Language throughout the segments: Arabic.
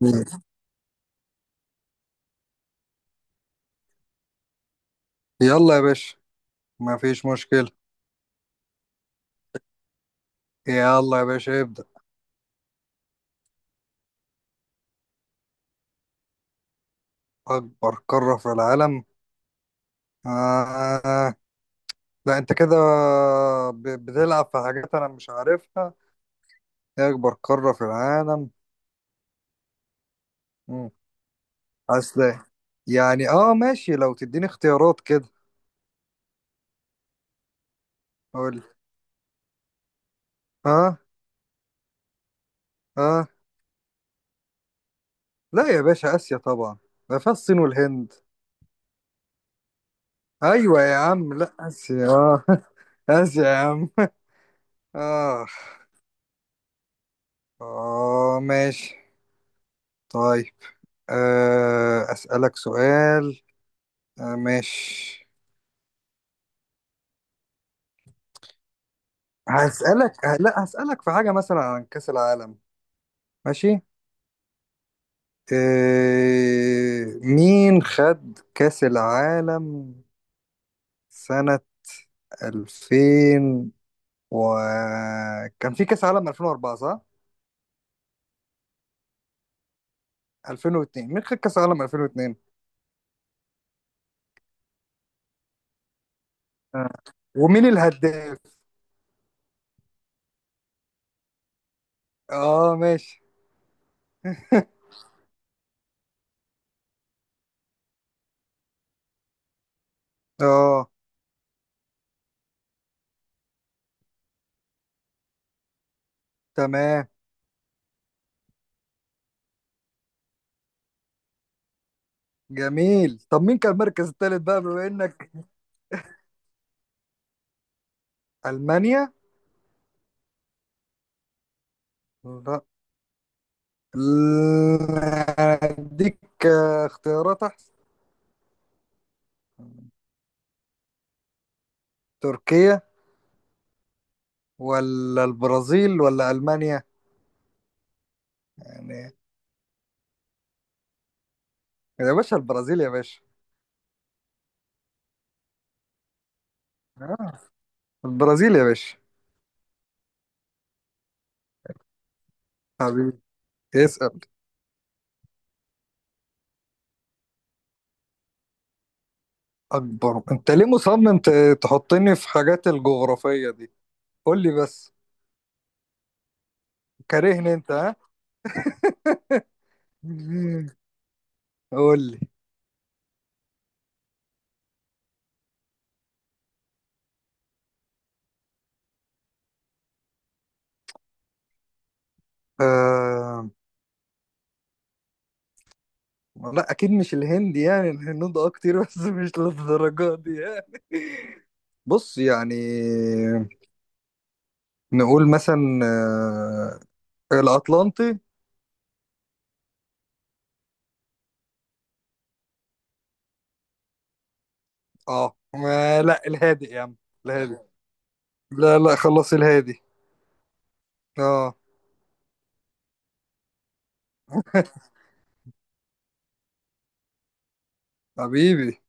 مم. يلا يا باشا، مفيش مشكلة. يلا يا باشا ابدأ. أكبر قارة في العالم؟ آه. لا أنت كده بتلعب في حاجات أنا مش عارفها. إيه أكبر قارة في العالم؟ مم. أصل يعني ماشي، لو تديني اختيارات كده أقول. أه أه لا يا باشا، آسيا طبعا، ده فيها الصين والهند. أيوة يا عم، لا آسيا آسيا يا عم. آه ماشي، طيب. أسألك سؤال. ماشي. هسألك، لا هسألك في حاجة مثلا عن كأس العالم. ماشي. مين خد كأس العالم سنة 2000 و... كان في كأس عالم 2004 صح؟ 2002؟ مين خد كأس العالم 2002؟ آه. ومين الهداف؟ اه ماشي. اه تمام. جميل، طب مين كان المركز الثالث بقى بما انك؟ ألمانيا؟ لا. اديك اختيارات احسن. تركيا ولا البرازيل ولا المانيا؟ يعني يا باشا البرازيل يا باشا. آه. البرازيل يا باشا. حبيبي، اسأل. اكبر؟ انت ليه مصمم تحطني في حاجات الجغرافية دي؟ قول لي بس. كارهني انت ها؟ قول لي. آه... لا اكيد مش الهند، يعني الهنود اه كتير بس مش للدرجة دي يعني. بص يعني، نقول مثلا الأطلنطي. اه ما لا الهادي يا عم، الهادي. لا لا، خلص الهادي. اه. حبيبي.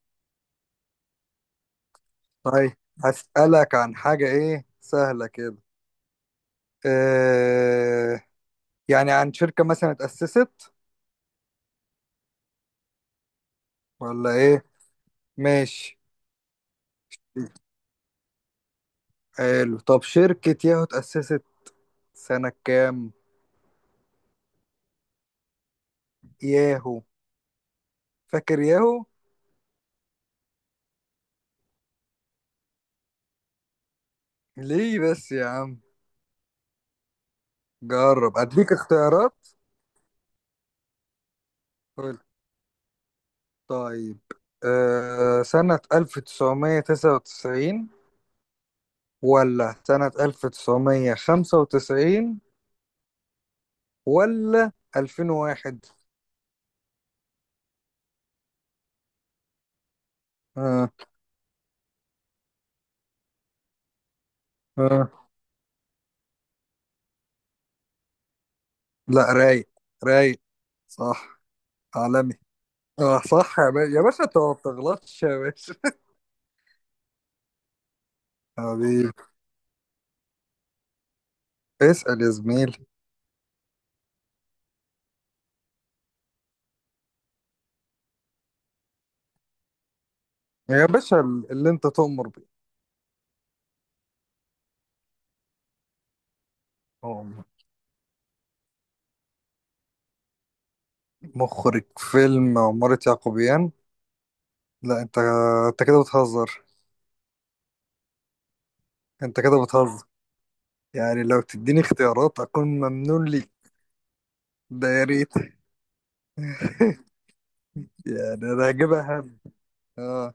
طيب هسألك عن حاجة ايه سهلة كده. آه يعني عن شركة مثلا اتأسست ولا ايه. ماشي. حلو، طب شركة ياهو اتأسست سنة كام؟ ياهو. فاكر ياهو. ليه بس يا عم. جرب، اديك اختيارات. طيب، سنة 1999 ولا سنة 1995 ولا 2001؟ أه أه لا، رايق رايق. صح. عالمي. اه صح يا باشا، يا باشا انت ما بتغلطش يا باشا. حبيبي، اسأل يا زميلي. يا باشا اللي انت تؤمر بيه. هو مخرج فيلم عمارة يعقوبيان؟ لا انت، انت كده بتهزر. انت كده بتهزر. يعني لو تديني اختيارات اكون ممنون ليك. ده يا ريت. يعني انا هجيبها هم. اه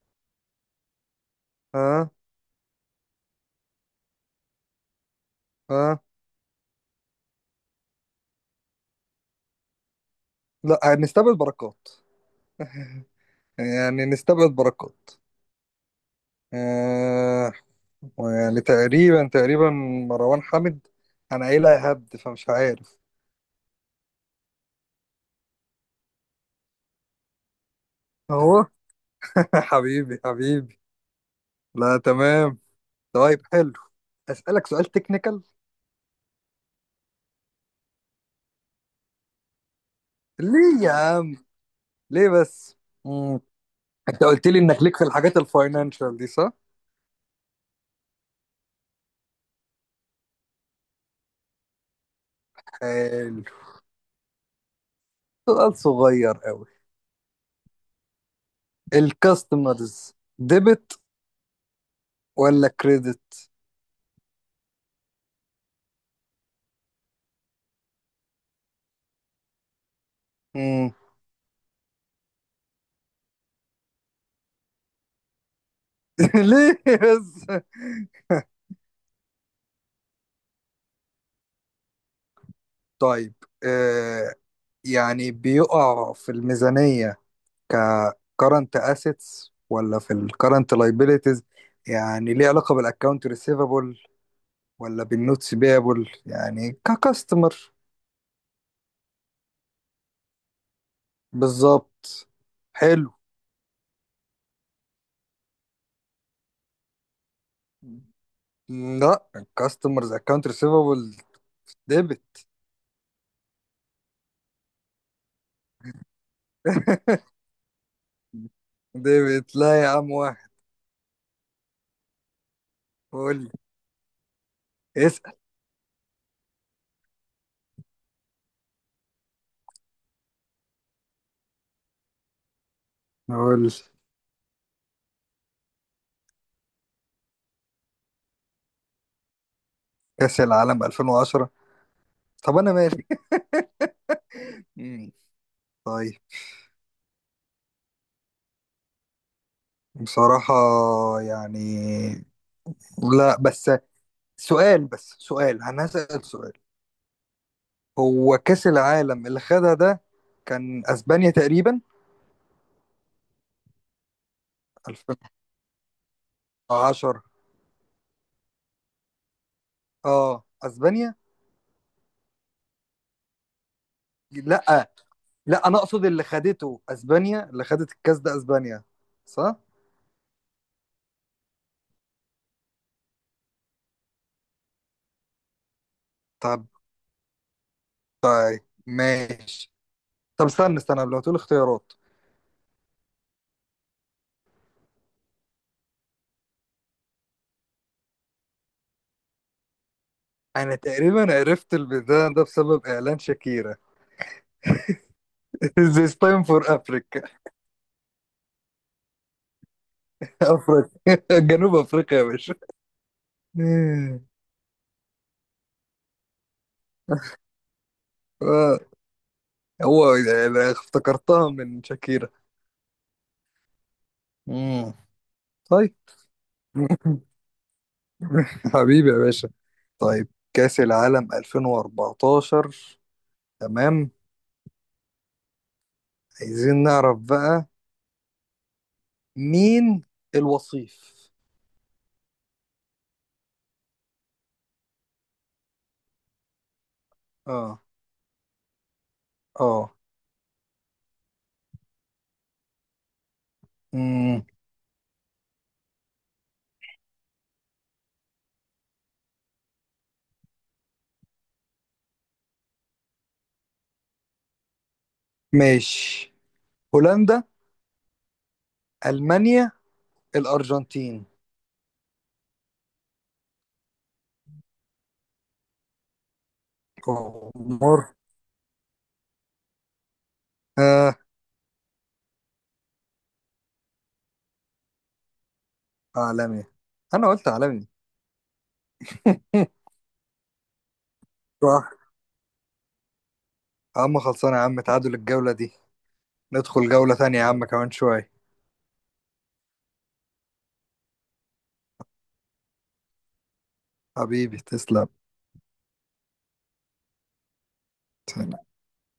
اه اه لا هنستبعد بركات. يعني نستبعد بركات. آه يعني تقريبا مروان حامد. انا قايلها هبد فمش عارف. اهو. حبيبي حبيبي. لا تمام. طيب حلو، اسالك سؤال تكنيكال. ليه يا عم؟ ليه بس؟ مم. انت قلت لي انك ليك في الحاجات الفاينانشال دي صح؟ حلو، سؤال صغير قوي. الكاستمرز ديبت ولا كريدت؟ امم. ليه بس؟ طيب، آه يعني بيقع في الميزانية ك current assets ولا في ال current liabilities؟ يعني ليه علاقة بالاكونت receivable ولا بالنوتس بيبل يعني ككاستمر؟ بالظبط. حلو. لا الكاستمرز اكونت receivable ديبت. ديفيد لا يا عم واحد. قول لي، اسأل. اقول كأس العالم 2010؟ طب أنا مالي. مم. طيب. بصراحة يعني، لا بس سؤال، أنا هسأل سؤال. هو كأس العالم اللي خدها ده كان أسبانيا تقريبا. 2010. اه أسبانيا. لا لا، أنا أقصد اللي خدته أسبانيا، اللي خدت الكأس ده أسبانيا صح؟ طب طيب ماشي. طب استنى استنى، لو تقول اختيارات. انا تقريبا عرفت البتاع ده بسبب اعلان شاكيرا. This time for Africa. افريقيا جنوب افريقيا يا باشا. مم. آه، هو يعني افتكرتها من شاكيرا. مم. طيب. حبيبي يا باشا. طيب، كأس العالم 2014، تمام، عايزين نعرف بقى مين الوصيف. اه اه مم. ماشي. هولندا، ألمانيا، الأرجنتين؟ جمهور. آه عالمي. أنا قلت عالمي. صح. يا عم خلصانة يا عم، تعادل الجولة دي. ندخل جولة تانية يا عم كمان شوية. حبيبي تسلم.